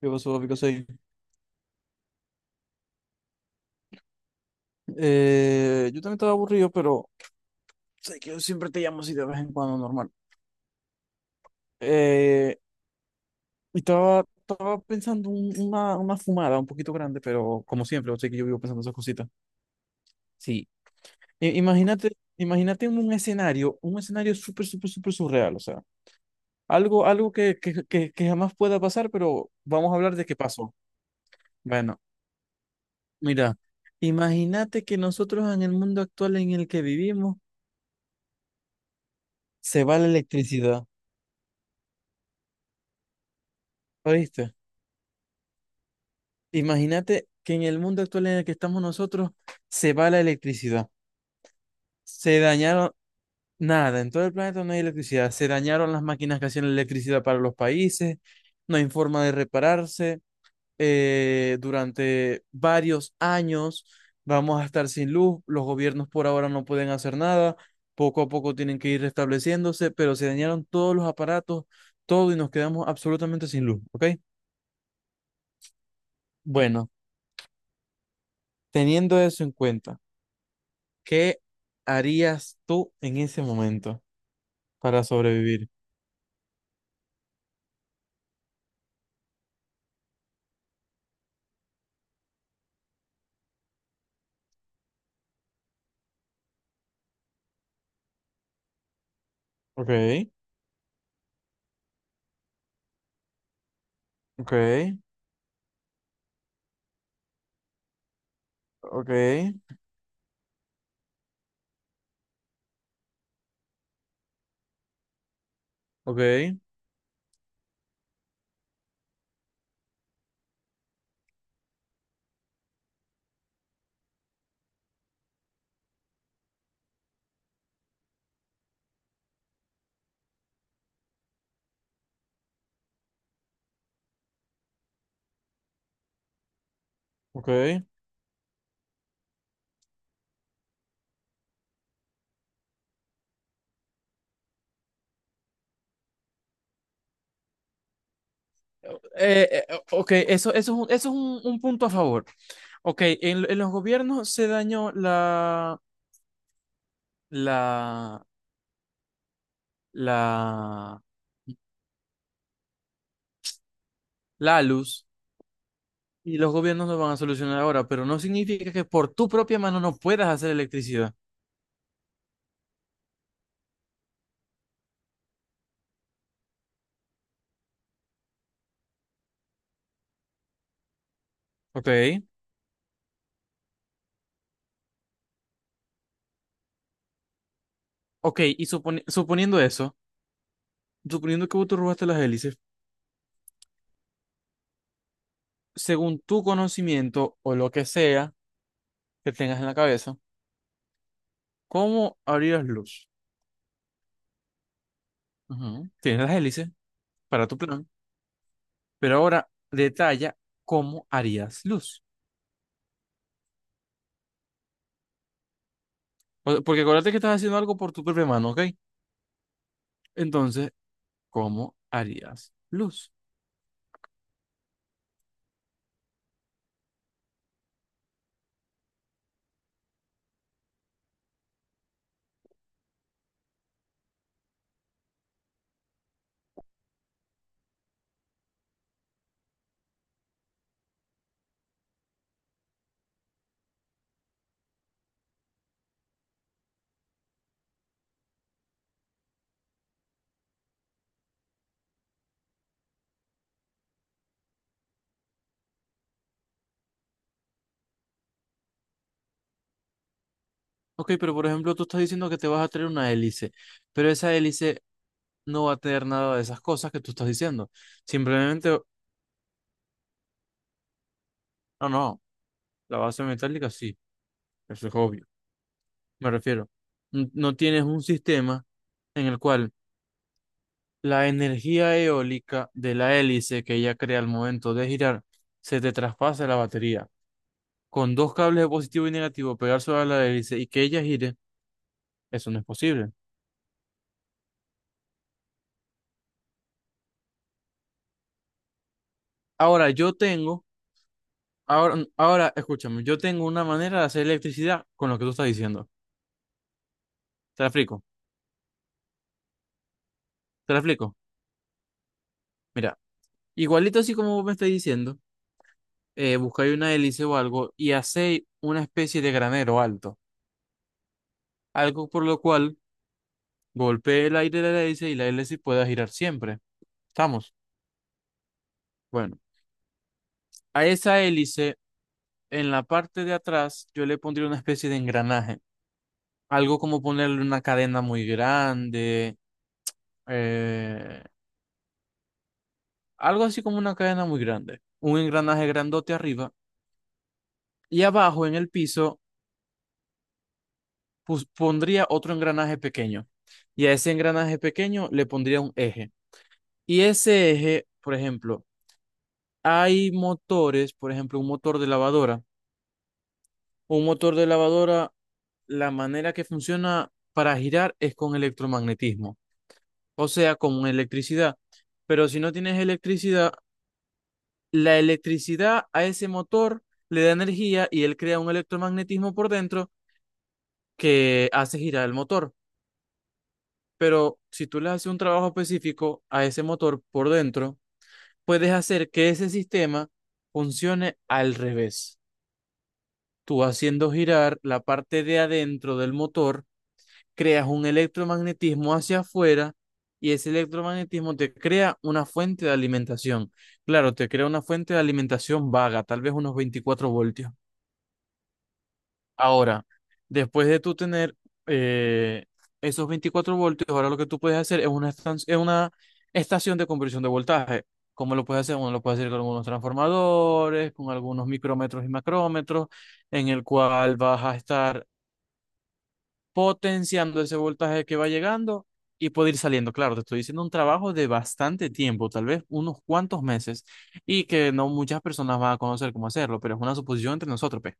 ¿Qué pasó, Pico? Sí. Yo también estaba aburrido, pero sé que yo siempre te llamo así de vez en cuando, normal. Eh, y estaba pensando una fumada un poquito grande, pero como siempre, sé que yo vivo pensando esas cositas. Sí, imagínate, imagínate un escenario súper, súper, súper surreal, o sea, algo que jamás pueda pasar, pero vamos a hablar de qué pasó. Bueno, mira, imagínate que nosotros en el mundo actual en el que vivimos se va la electricidad, ¿oíste? Imagínate que en el mundo actual en el que estamos nosotros se va la electricidad. Se dañaron nada, en todo el planeta no hay electricidad. Se dañaron las máquinas que hacían la electricidad para los países, no hay forma de repararse. Durante varios años vamos a estar sin luz, los gobiernos por ahora no pueden hacer nada, poco a poco tienen que ir restableciéndose, pero se dañaron todos los aparatos, todo y nos quedamos absolutamente sin luz, ¿ok? Bueno, teniendo eso en cuenta. ¿Qué harías tú en ese momento para sobrevivir? Ok, ok, ok, ok, ok. Eh, ok, un punto a favor. Ok, en los gobiernos se dañó la, la, la luz y los gobiernos lo van a solucionar ahora, pero no significa que por tu propia mano no puedas hacer electricidad. Ok, ok, y suponiendo eso, suponiendo que vos te robaste las hélices. Según tu conocimiento o lo que sea que tengas en la cabeza, ¿cómo harías luz? Ujú. Tienes las hélices para tu plan, pero ahora detalla cómo harías luz. Porque acuérdate que estás haciendo algo por tu propia mano, ¿ok? Entonces, ¿cómo harías luz? Ok, pero por ejemplo, tú estás diciendo que te vas a traer una hélice, pero esa hélice no va a tener nada de esas cosas que tú estás diciendo. Simplemente, no, no, la base metálica sí, eso es obvio. Me refiero. No tienes un sistema en el cual la energía eólica de la hélice que ella crea al momento de girar se te traspasa a la batería. Con dos cables de positivo y negativo pegar sobre la hélice y que ella gire, eso no es posible. Ahora yo tengo, ahora, ahora escúchame, yo tengo una manera de hacer electricidad con lo que tú estás diciendo. Te la explico, te la explico. Mira, igualito así como vos me estás diciendo, buscáis una hélice o algo y hacéis una especie de granero alto, algo por lo cual golpee el aire de la hélice y la hélice pueda girar siempre. ¿Estamos? Bueno, a esa hélice, en la parte de atrás, yo le pondría una especie de engranaje. Algo como ponerle una cadena muy grande. eh, Algo así como una cadena muy grande. Un engranaje grandote arriba. Y abajo, en el piso, pondría otro engranaje pequeño. Y a ese engranaje pequeño le pondría un eje. Y ese eje, por ejemplo, hay motores, por ejemplo, un motor de lavadora, la manera que funciona para girar es con electromagnetismo, o sea, con electricidad. Pero si no tienes electricidad, la electricidad a ese motor le da energía y él crea un electromagnetismo por dentro que hace girar el motor. Pero si tú le haces un trabajo específico a ese motor por dentro, puedes hacer que ese sistema funcione al revés. Tú haciendo girar la parte de adentro del motor creas un electromagnetismo hacia afuera y ese electromagnetismo te crea una fuente de alimentación. Claro, te crea una fuente de alimentación vaga, tal vez unos 24 voltios. Ahora, después de tú tener eh, esos 24 voltios, ahora lo que tú puedes hacer es una estación de conversión de voltaje. ¿Cómo lo puedes hacer? Uno lo puede hacer con algunos transformadores, con algunos micrómetros y macrómetros, en el cual vas a estar potenciando ese voltaje que va llegando y puede ir saliendo. Claro, te estoy diciendo un trabajo de bastante tiempo, tal vez unos cuantos meses, y que no muchas personas van a conocer cómo hacerlo, pero es una suposición entre nosotros, pues.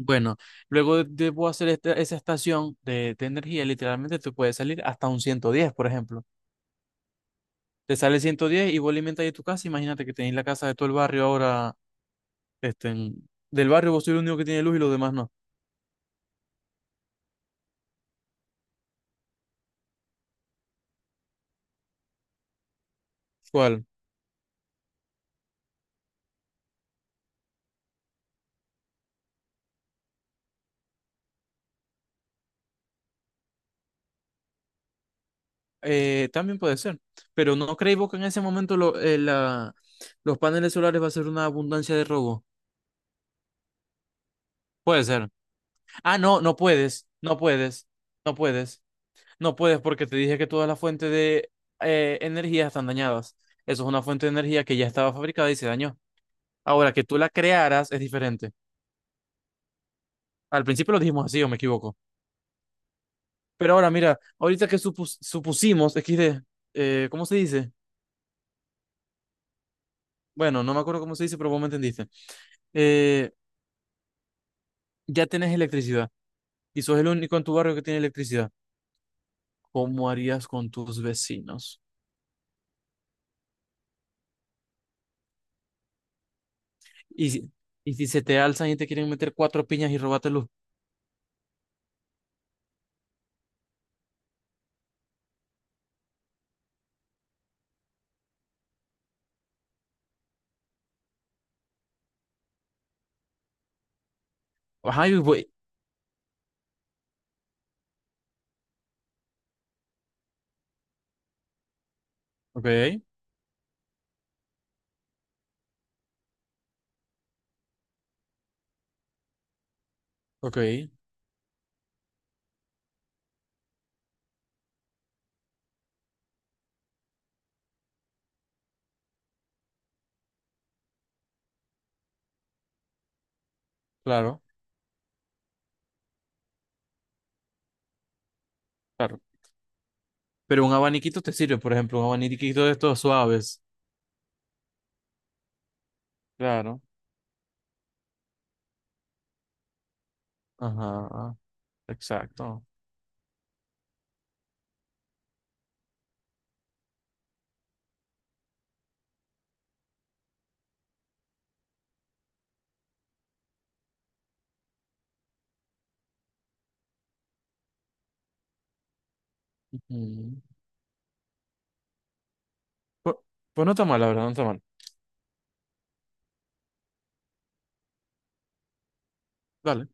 Bueno, luego debo hacer esa estación de energía, literalmente te puede salir hasta un 110, por ejemplo. Te sale 110 y vos alimentas de tu casa, imagínate que tenéis la casa de todo el barrio ahora, este, del barrio vos sois el único que tiene luz y los demás no. ¿Cuál? También puede ser, pero ¿no creéis vos que en ese momento los paneles solares va a ser una abundancia de robo? Puede ser. Ah, no, no puedes, no puedes, no puedes, no puedes porque te dije que todas las fuentes de energía están dañadas. Eso es una fuente de energía que ya estaba fabricada y se dañó. Ahora, que tú la crearas es diferente. Al principio lo dijimos así, o me equivoco. Pero ahora, mira, ahorita que supusimos, XD, ¿cómo se dice? Bueno, no me acuerdo cómo se dice, pero vos me entendiste. Eh, ya tenés electricidad. Y sos el único en tu barrio que tiene electricidad, ¿cómo harías con tus vecinos? Y si, y si se te alzan y te quieren meter cuatro piñas y robarte luz. Ajá, y voy. Ok, ok, claro, claro. Pero un abaniquito te sirve, por ejemplo, un abaniquito de estos suaves. Claro. Ajá, exacto. Ujú. Pues, pues no está mal, la verdad, no está mal. Dale.